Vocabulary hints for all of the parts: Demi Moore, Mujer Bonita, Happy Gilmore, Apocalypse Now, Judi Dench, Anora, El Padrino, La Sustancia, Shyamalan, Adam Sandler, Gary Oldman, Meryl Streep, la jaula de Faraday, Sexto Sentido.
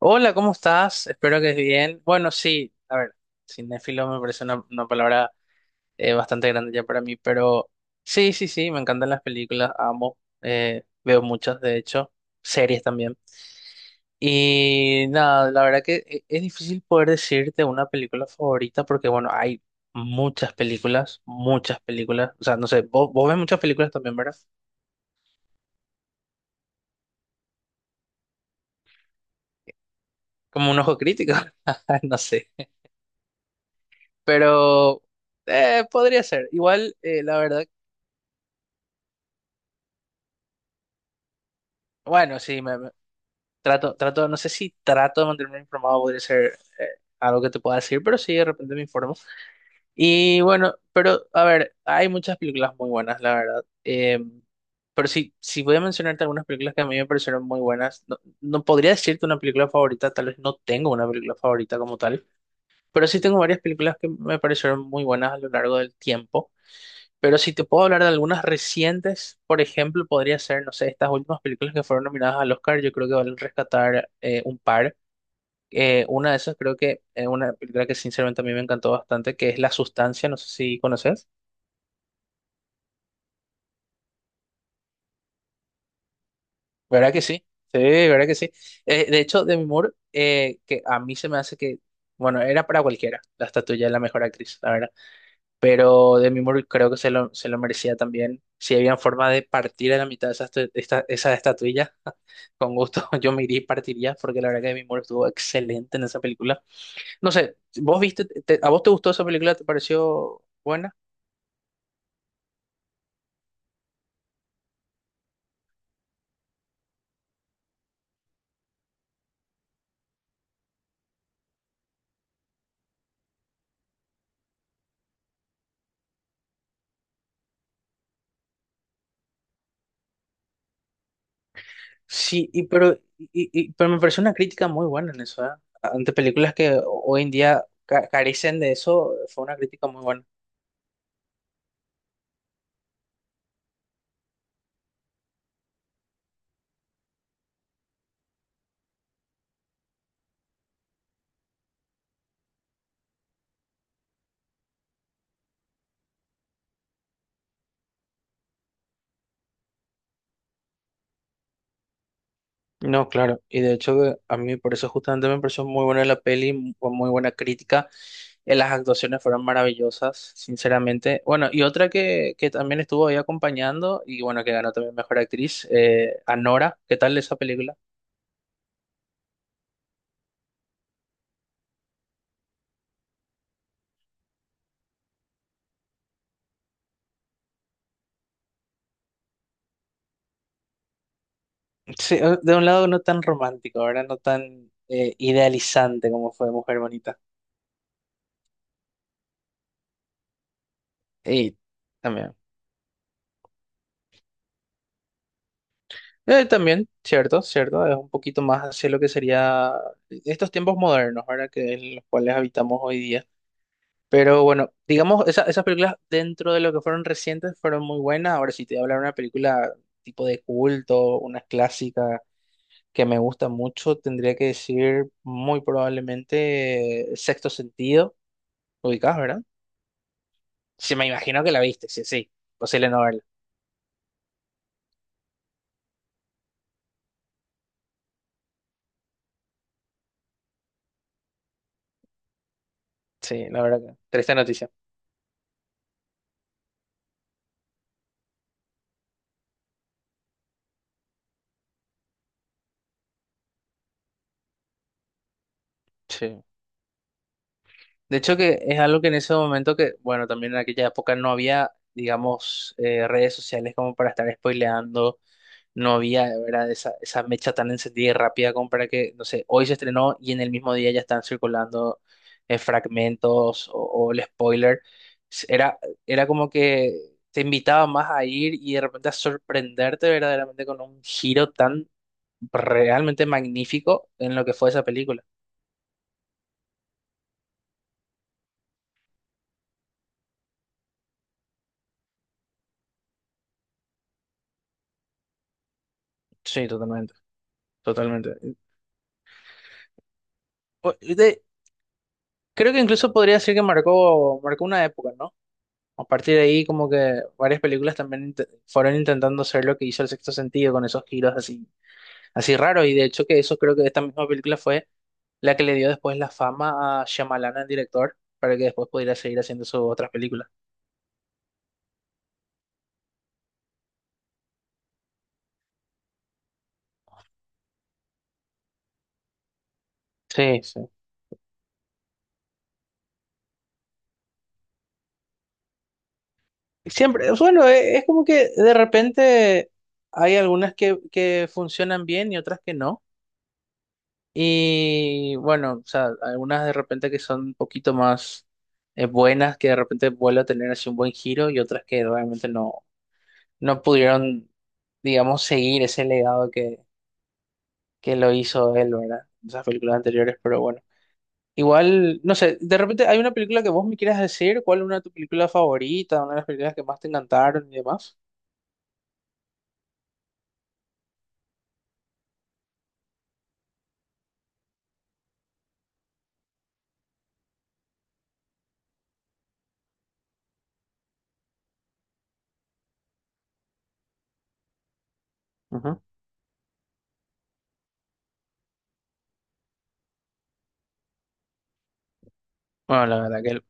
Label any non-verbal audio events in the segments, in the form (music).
Hola, ¿cómo estás? Espero que bien. Bueno, sí, a ver, cinéfilo me parece una palabra bastante grande ya para mí, pero sí, sí, sí, me encantan las películas, amo, veo muchas, de hecho, series también. Y nada, la verdad que es difícil poder decirte una película favorita porque, bueno, hay muchas películas, o sea, no sé, vos ves muchas películas también, ¿verdad? Como un ojo crítico, (laughs) no sé. Pero podría ser. Igual, la verdad, bueno, sí, trato, no sé si trato de mantenerme informado, podría ser algo que te pueda decir, pero sí, de repente me informo. Y bueno, pero a ver, hay muchas películas muy buenas, la verdad. Pero sí, si voy a mencionarte algunas películas que a mí me parecieron muy buenas, no, no podría decirte una película favorita, tal vez no tengo una película favorita como tal, pero sí tengo varias películas que me parecieron muy buenas a lo largo del tiempo. Pero si te puedo hablar de algunas recientes, por ejemplo, podría ser, no sé, estas últimas películas que fueron nominadas al Oscar, yo creo que valen rescatar un par. Una de esas creo que es una película que sinceramente a mí me encantó bastante, que es La Sustancia, no sé si conoces. ¿Verdad que sí? Sí, ¿verdad que sí? De hecho, Demi Moore, que a mí se me hace que, bueno, era para cualquiera la estatuilla de la mejor actriz, la verdad. Pero Demi Moore creo que se lo merecía también. Si había forma de partir a la mitad esa estatuilla, (laughs) con gusto (laughs) yo me iría y partiría, porque la verdad que Demi Moore estuvo excelente en esa película. No sé, ¿vos viste, a vos te gustó esa película? ¿Te pareció buena? Sí, pero me pareció una crítica muy buena en eso, ¿eh? Ante películas que hoy en día carecen de eso, fue una crítica muy buena. No, claro, y de hecho que a mí por eso justamente me pareció muy buena la peli, con muy buena crítica. Las actuaciones fueron maravillosas, sinceramente. Bueno, y otra que también estuvo ahí acompañando y bueno, que ganó también Mejor Actriz, Anora, ¿qué tal esa película? Sí, de un lado no tan romántico, ahora no tan idealizante como fue Mujer Bonita. Y también. También, cierto, cierto, es un poquito más hacia lo que sería estos tiempos modernos, ahora que en los cuales habitamos hoy día. Pero bueno, digamos, esas películas dentro de lo que fueron recientes fueron muy buenas. Ahora, si te voy a hablar de una película tipo de culto, una clásica que me gusta mucho, tendría que decir muy probablemente Sexto Sentido, ubicás, ¿verdad? Sí, me imagino que la viste, sí, sí, posible no verla. Sí, la verdad que triste noticia. Sí. De hecho, que es algo que en ese momento que, bueno, también en aquella época no había, digamos, redes sociales como para estar spoileando no había, ¿verdad? Esa mecha tan encendida y rápida como para que, no sé, hoy se estrenó y en el mismo día ya están circulando fragmentos o el spoiler. Era, Era como que te invitaba más a ir y de repente a sorprenderte verdaderamente con un giro tan realmente magnífico en lo que fue esa película. Sí, totalmente, totalmente. Po- de- Creo que incluso podría decir que marcó una época, ¿no? A partir de ahí, como que varias películas también fueron intentando hacer lo que hizo El Sexto Sentido con esos giros así, así raros. Y de hecho que eso creo que esta misma película fue la que le dio después la fama a Shyamalan, el director, para que después pudiera seguir haciendo sus otras películas. Sí, sí. Siempre, bueno, es como que de repente hay algunas que funcionan bien y otras que no. Y bueno, o sea, algunas de repente que son un poquito más buenas, que de repente vuelve a tener así un buen giro, y otras que realmente no, no pudieron, digamos, seguir ese legado que lo hizo él, ¿verdad? En esas películas anteriores, pero bueno. Igual, no sé, de repente hay una película que vos me quieras decir, ¿cuál es una de tus películas favoritas, una de las películas que más te encantaron y demás? Ujú. Bueno, la verdad que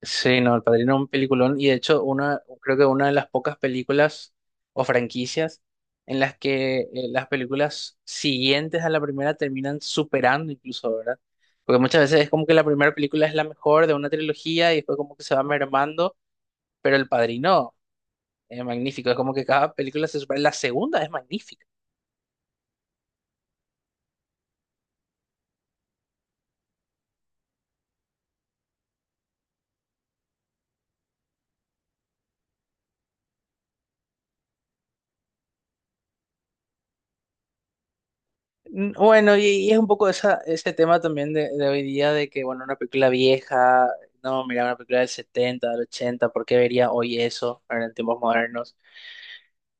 sí, no, El Padrino es un peliculón y de hecho una, creo que una de las pocas películas o franquicias en las que las películas siguientes a la primera terminan superando incluso, ¿verdad? Porque muchas veces es como que la primera película es la mejor de una trilogía y después como que se va mermando, pero El Padrino es magnífico, es como que cada película se supera, la segunda es magnífica. Mm, bueno, y es un poco esa, ese tema también de hoy día de que, bueno, una película vieja, no, mira, una película del 70 del ochenta, ¿por qué vería hoy eso ahora en tiempos modernos?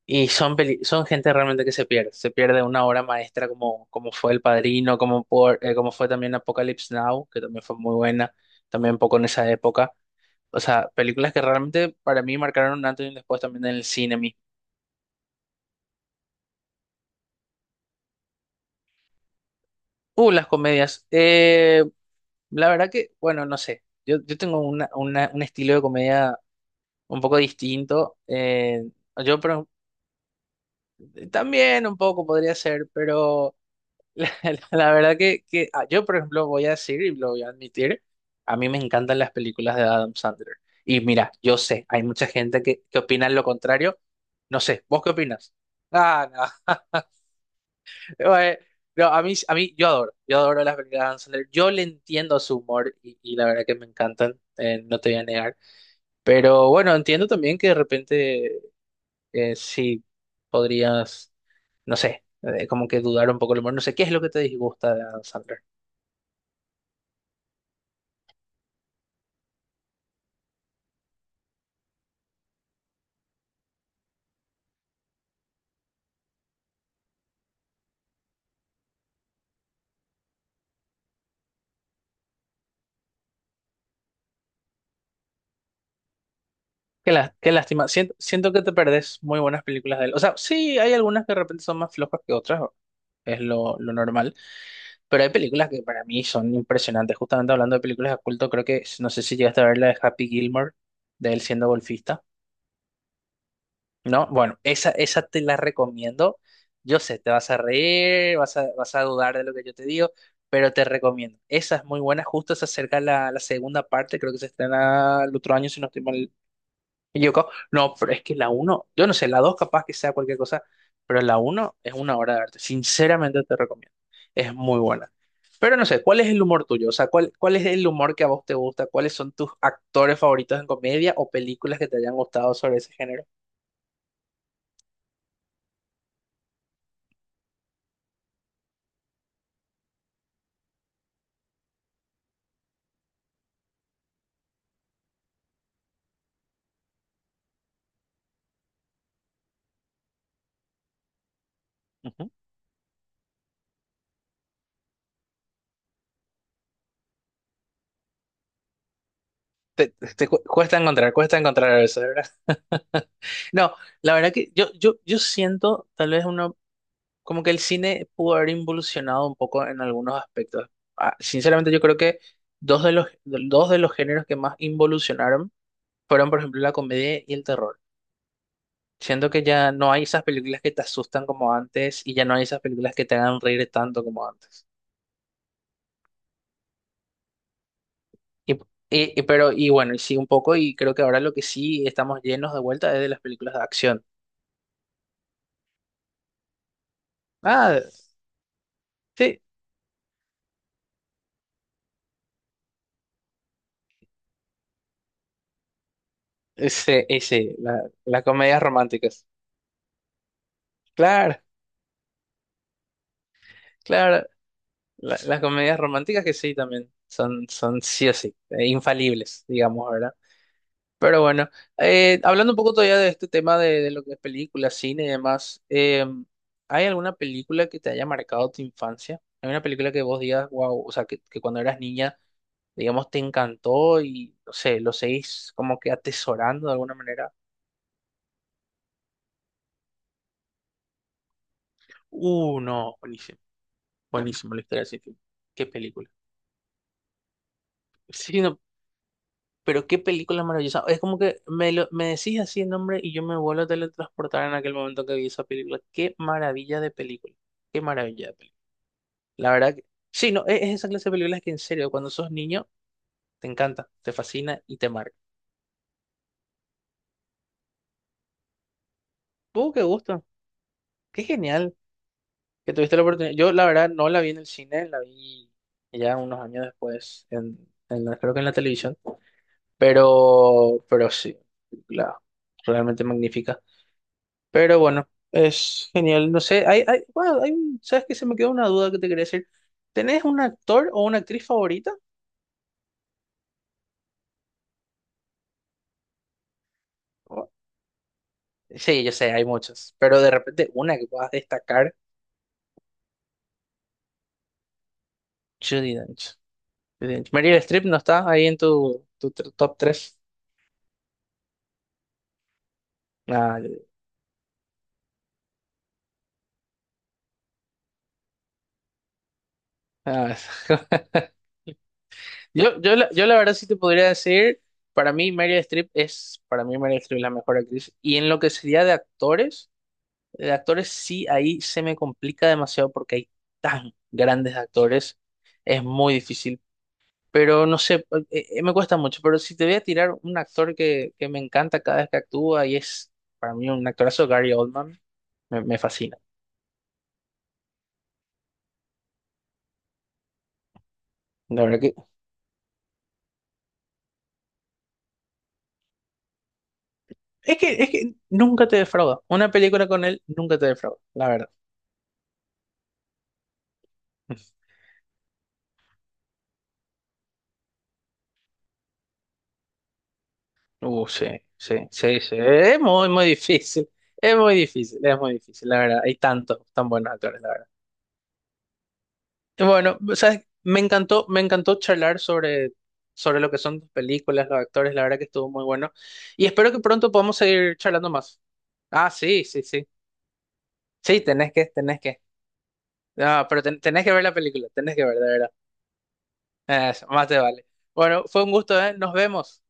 Y son, son gente realmente que se pierde una obra maestra como, como fue El Padrino, como, por, como fue también Apocalypse Now, que también fue muy buena, también un poco en esa época. O sea, películas que realmente para mí marcaron un antes y un después también en el cine mismo. Las comedias. La verdad que, bueno, no sé. Yo tengo una, un estilo de comedia un poco distinto. Yo pero, también un poco podría ser, pero la, (laughs) la verdad que yo, por ejemplo, voy a decir y lo voy a admitir, a mí me encantan las películas de Adam Sandler. Y mira, yo sé, hay mucha gente que opina lo contrario. No sé, ¿vos qué opinas? Ah, no. (laughs) Bueno, no, a mí, yo adoro las películas de Adam Sandler. Yo le entiendo su humor y la verdad que me encantan, no te voy a negar. Pero bueno, entiendo también que de repente sí podrías, no sé, como que dudar un poco el humor. No sé, ¿qué es lo que te disgusta de Adam Sandler? Qué, qué lástima. Siento, siento que te perdés muy buenas películas de él. O sea, sí, hay algunas que de repente son más flojas que otras, es lo normal. Pero hay películas que para mí son impresionantes. Justamente hablando de películas de culto, creo que, no sé si llegaste a ver la de Happy Gilmore, de él siendo golfista. No, bueno, esa te la recomiendo. Yo sé, te vas a reír, vas a dudar de lo que yo te digo, pero te recomiendo. Esa es muy buena, justo se acerca la segunda parte, creo que se estrena el otro año, si no estoy mal equivocado. No, pero es que la uno, yo no sé, la dos capaz que sea cualquier cosa, pero la uno es una obra de arte. Sinceramente te recomiendo. Es muy buena. Pero no sé, ¿cuál es el humor tuyo? O sea, ¿cuál es el humor que a vos te gusta? ¿Cuáles son tus actores favoritos en comedia o películas que te hayan gustado sobre ese género? Te, cuesta encontrar a veces, ¿verdad? (laughs) No, la verdad que yo siento tal vez uno, como que el cine pudo haber involucionado un poco en algunos aspectos. Ah, sinceramente yo creo que dos de los géneros que más involucionaron fueron, por ejemplo, la comedia y el terror. Siento que ya no hay esas películas que te asustan como antes y ya no hay esas películas que te hagan reír tanto como antes. Y, y bueno, y sí un poco, y creo que ahora lo que sí estamos llenos de vuelta es de las películas de acción. Ah, sí, ese las comedias románticas. Claro, claro. Las comedias románticas que sí también son, son sí o sí, infalibles, digamos, ¿verdad? Pero bueno, hablando un poco todavía de este tema de lo que es película, cine y demás, ¿hay alguna película que te haya marcado tu infancia? ¿Hay una película que vos digas, wow, o sea, que cuando eras niña, digamos, te encantó y, no sé, lo seguís como que atesorando de alguna manera? No, buenísimo, buenísimo la historia de ese film. ¿Qué película? Sí, no, pero qué película maravillosa. Es como que me, me decís así el nombre y yo me vuelvo a teletransportar en aquel momento que vi esa película. Qué maravilla de película. Qué maravilla de película. La verdad que... Sí, no, es esa clase de películas que en serio, cuando sos niño, te encanta, te fascina y te marca. ¡Uh, qué gusto! ¡Qué genial que tuviste la oportunidad! Yo, la verdad, no la vi en el cine, la vi ya unos años después, en, creo que en la televisión. Pero sí, la, realmente magnífica. Pero bueno, es genial. No sé, hay, bueno, hay, un- ¿sabes qué? Se me quedó una duda que te quería decir. ¿Tenés un actor o una actriz favorita? O- sí, yo sé, hay muchos. Pero de repente, una que puedas destacar, Judi Dench. Judi Dench. Meryl Streep no está ahí en tu top tres. Ah, ah, (laughs) yo la verdad sí te podría decir, para mí Meryl Streep es la mejor actriz. Y en lo que sería de actores. De actores sí, ahí se me complica demasiado porque hay tan grandes actores, es muy difícil, pero no sé, me cuesta mucho, pero si te voy a tirar un actor que me encanta cada vez que actúa y es para mí un actorazo, Gary Oldman, me fascina. La verdad que es que nunca te defrauda. Una película con él nunca te defrauda, la verdad. (laughs) Sí, sí, sí, sí. Es muy, muy difícil. Es muy difícil, es muy difícil, la verdad. Hay tantos tan buenos actores, la verdad. Bueno, ¿sabes? Me encantó charlar sobre, sobre lo que son tus películas, los actores, la verdad que estuvo muy bueno. Y espero que pronto podamos seguir charlando más. Ah, sí, sí, sí. Sí, tenés que, tenés que. Ah, pero tenés que ver la película, tenés que ver, de verdad. Eso, más te vale. Bueno, fue un gusto, ¿eh? Nos vemos.